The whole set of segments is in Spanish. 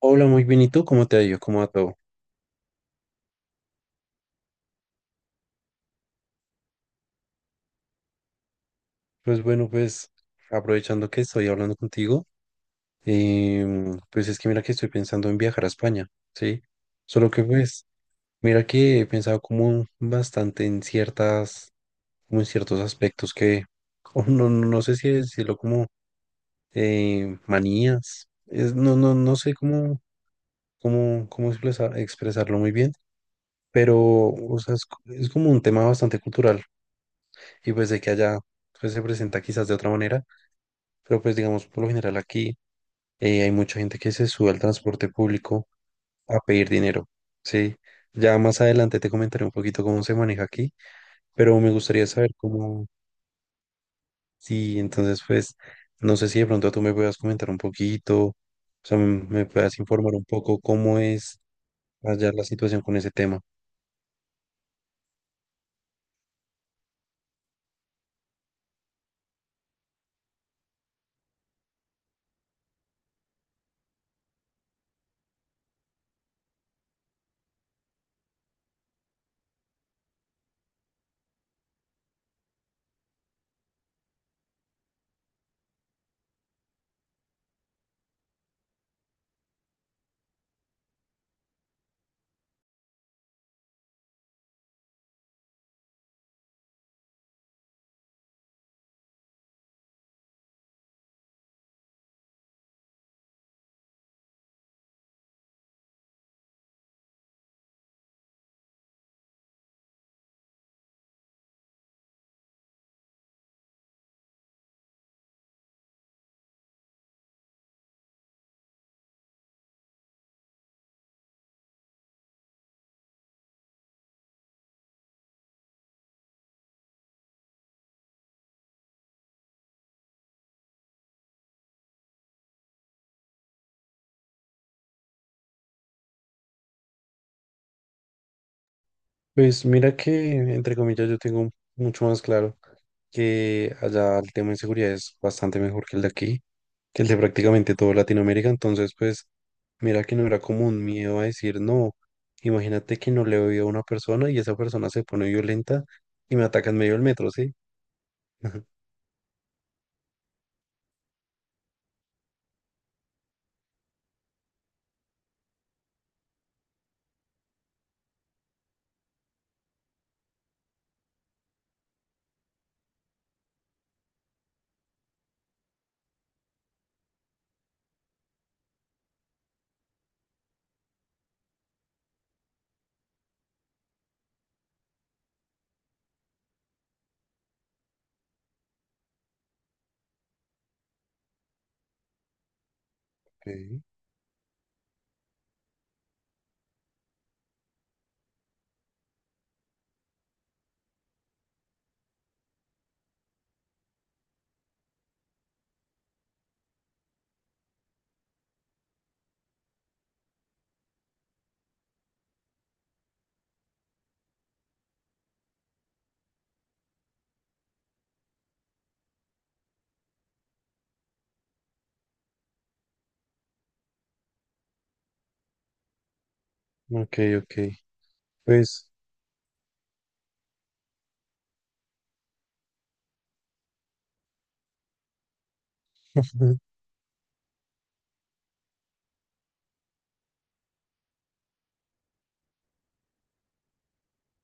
Hola, muy bien. ¿Y tú cómo te ha ido? ¿Cómo va todo? Pues bueno, pues aprovechando que estoy hablando contigo, pues es que mira que estoy pensando en viajar a España, ¿sí? Solo que pues, mira que he pensado como bastante en ciertas, como en ciertos aspectos que, o no, no sé si decirlo como manías, es, no, no, no sé cómo, cómo expresarlo muy bien, pero, o sea, es como un tema bastante cultural y pues de que allá pues, se presenta quizás de otra manera. Pero pues digamos, por lo general aquí hay mucha gente que se sube al transporte público a pedir dinero, ¿sí? Ya más adelante te comentaré un poquito cómo se maneja aquí, pero me gustaría saber cómo, sí, entonces pues no sé si de pronto tú me puedas comentar un poquito, o sea, me puedas informar un poco cómo es allá la situación con ese tema. Pues mira que, entre comillas, yo tengo mucho más claro que allá el tema de seguridad es bastante mejor que el de aquí, que el de prácticamente todo Latinoamérica, entonces pues mira que no era como un miedo a decir, no, imagínate que no le doy a una persona y esa persona se pone violenta y me ataca en medio del metro, ¿sí? Ok, ok, ok. Pues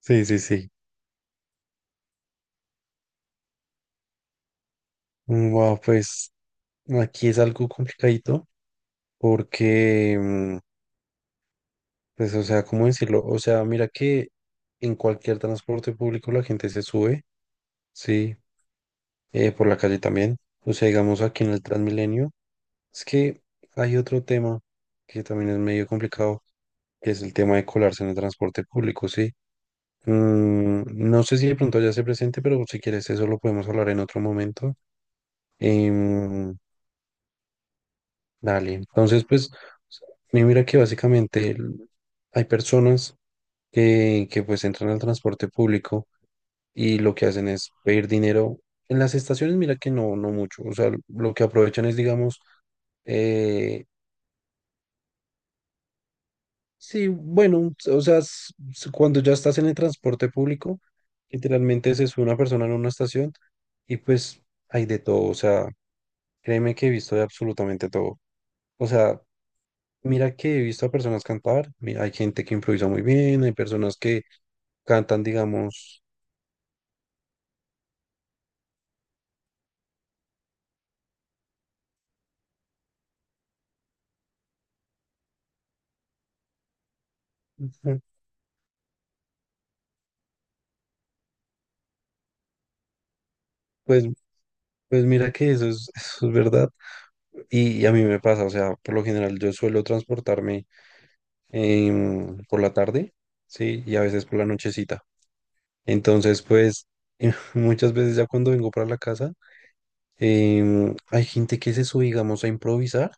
sí, sí, sí. Wow, pues aquí es algo complicadito porque, pues o sea, ¿cómo decirlo? O sea, mira que en cualquier transporte público la gente se sube, sí, por la calle también, o sea, digamos aquí en el Transmilenio. Es que hay otro tema que también es medio complicado, que es el tema de colarse en el transporte público, ¿sí? Mm, no sé si de pronto ya se presente, pero si quieres eso lo podemos hablar en otro momento. Em, dale, entonces pues, mira que básicamente hay personas que pues entran al transporte público y lo que hacen es pedir dinero. En las estaciones, mira que no, no mucho, o sea, lo que aprovechan es, digamos, eh, sí, bueno, o sea, cuando ya estás en el transporte público, literalmente se sube una persona en una estación y pues hay de todo, o sea, créeme que he visto de absolutamente todo. O sea, mira que he visto a personas cantar, hay gente que improvisa muy bien, hay personas que cantan, digamos, ujú, pues, pues mira que eso es, eso es verdad. Y, a mí me pasa, o sea, por lo general yo suelo transportarme por la tarde, sí, y a veces por la nochecita. Entonces, pues, muchas veces ya cuando vengo para la casa, hay gente que se sube, digamos, a improvisar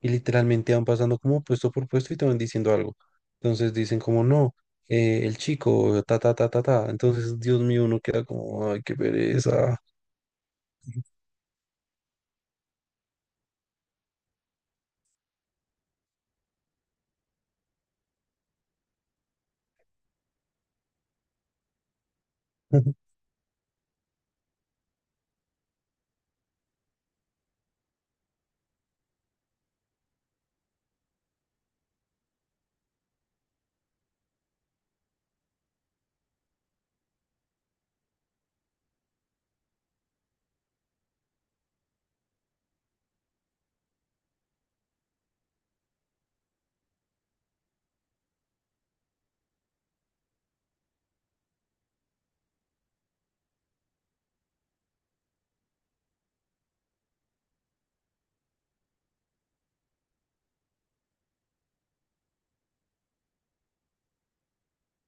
y literalmente van pasando como puesto por puesto y te van diciendo algo. Entonces dicen como, no, el chico, ta, ta, ta, ta, ta. Entonces, Dios mío, uno queda como, ay, qué pereza.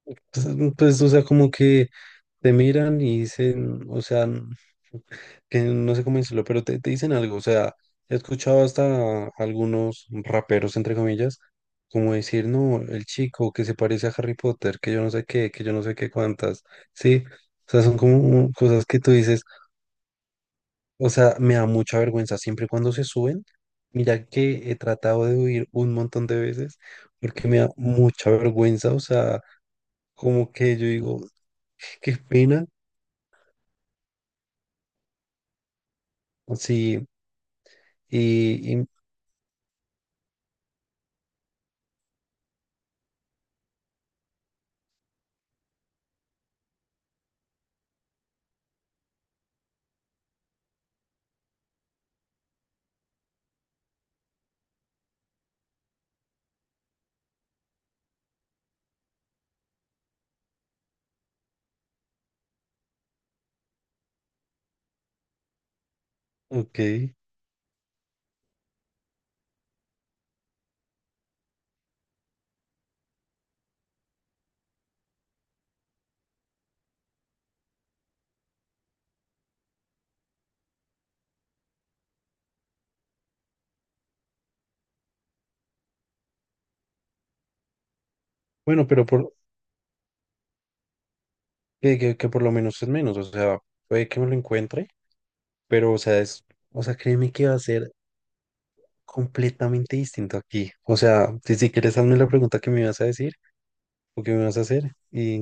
Entonces, pues, o sea, como que te miran y dicen, o sea, que no sé cómo decirlo, pero te dicen algo, o sea, he escuchado hasta algunos raperos, entre comillas, como decir, no, el chico que se parece a Harry Potter, que yo no sé qué, que yo no sé qué cuántas, sí, o sea, son como cosas que tú dices, o sea, me da mucha vergüenza siempre y cuando se suben, mira que he tratado de huir un montón de veces, porque me da mucha vergüenza, o sea, como que yo digo, qué pena, sí. Y, y- ok. Bueno, pero por, que por lo menos es menos. O sea, puede que me lo encuentre, pero o sea, es, o sea, créeme que va a ser completamente distinto aquí. O sea, si, si quieres, hazme la pregunta que me vas a decir o que me vas a hacer. Y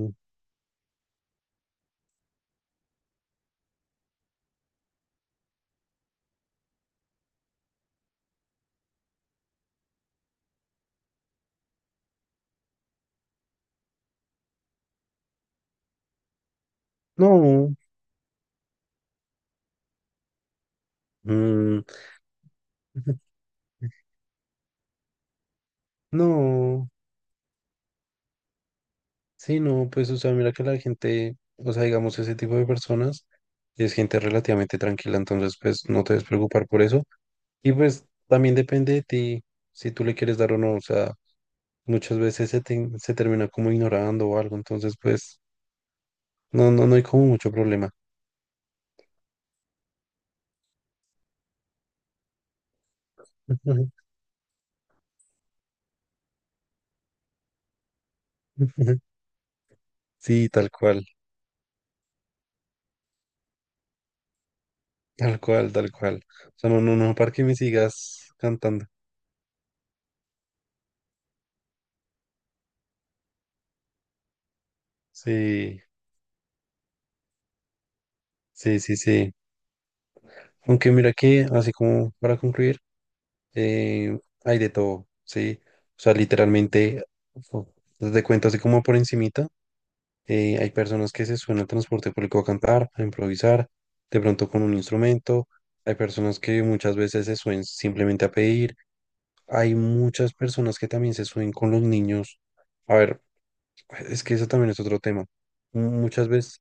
no, mm, no, sí, no, pues, o sea, mira que la gente, o sea, digamos, ese tipo de personas es gente relativamente tranquila, entonces, pues, no te debes preocupar por eso. Y pues, también depende de ti si tú le quieres dar o no, o sea. Muchas veces se, se termina como ignorando o algo, entonces pues no, no hay como mucho problema. Sí, tal cual, tal cual, tal cual. O sea, no, no, no, para que me sigas cantando. Sí, sí, sí, sí. Aunque mira que, así como para concluir, eh, hay de todo, ¿sí? O sea, literalmente, o- te cuento así como por encimita. Hay personas que se suben al transporte público a cantar, a improvisar, de pronto con un instrumento. Hay personas que muchas veces se suben simplemente a pedir. Hay muchas personas que también se suben con los niños. A ver, es que eso también es otro tema. Muchas veces,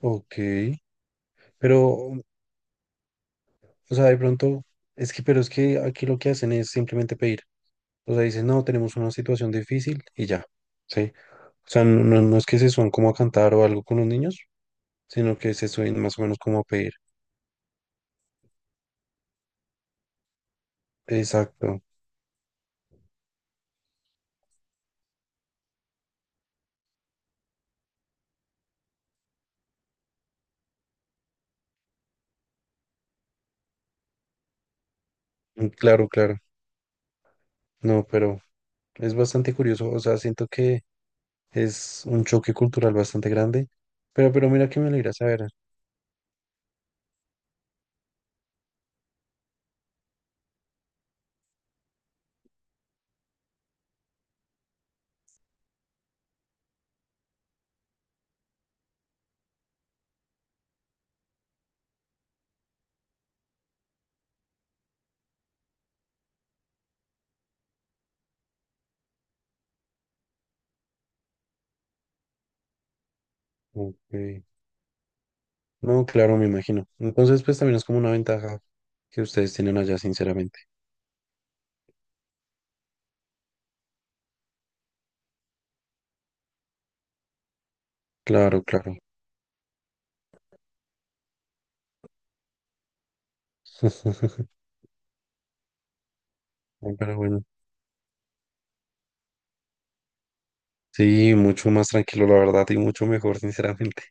ok, pero, o sea, de pronto, es que, pero es que aquí lo que hacen es simplemente pedir. O sea, dicen, no, tenemos una situación difícil y ya, ¿sí? O sea, no, no es que se suban como a cantar o algo con los niños, sino que se suelen más o menos como a pedir. Exacto, claro, claro. No, pero es bastante curioso, o sea, siento que es un choque cultural bastante grande, pero mira que me alegra saber. Ok. No, claro, me imagino. Entonces, pues también es como una ventaja que ustedes tienen allá, sinceramente. Claro, claro. Ay, pero bueno, sí, mucho más tranquilo, la verdad, y mucho mejor, sinceramente.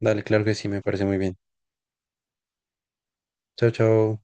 Dale, claro que sí, me parece muy bien. Chao, chao.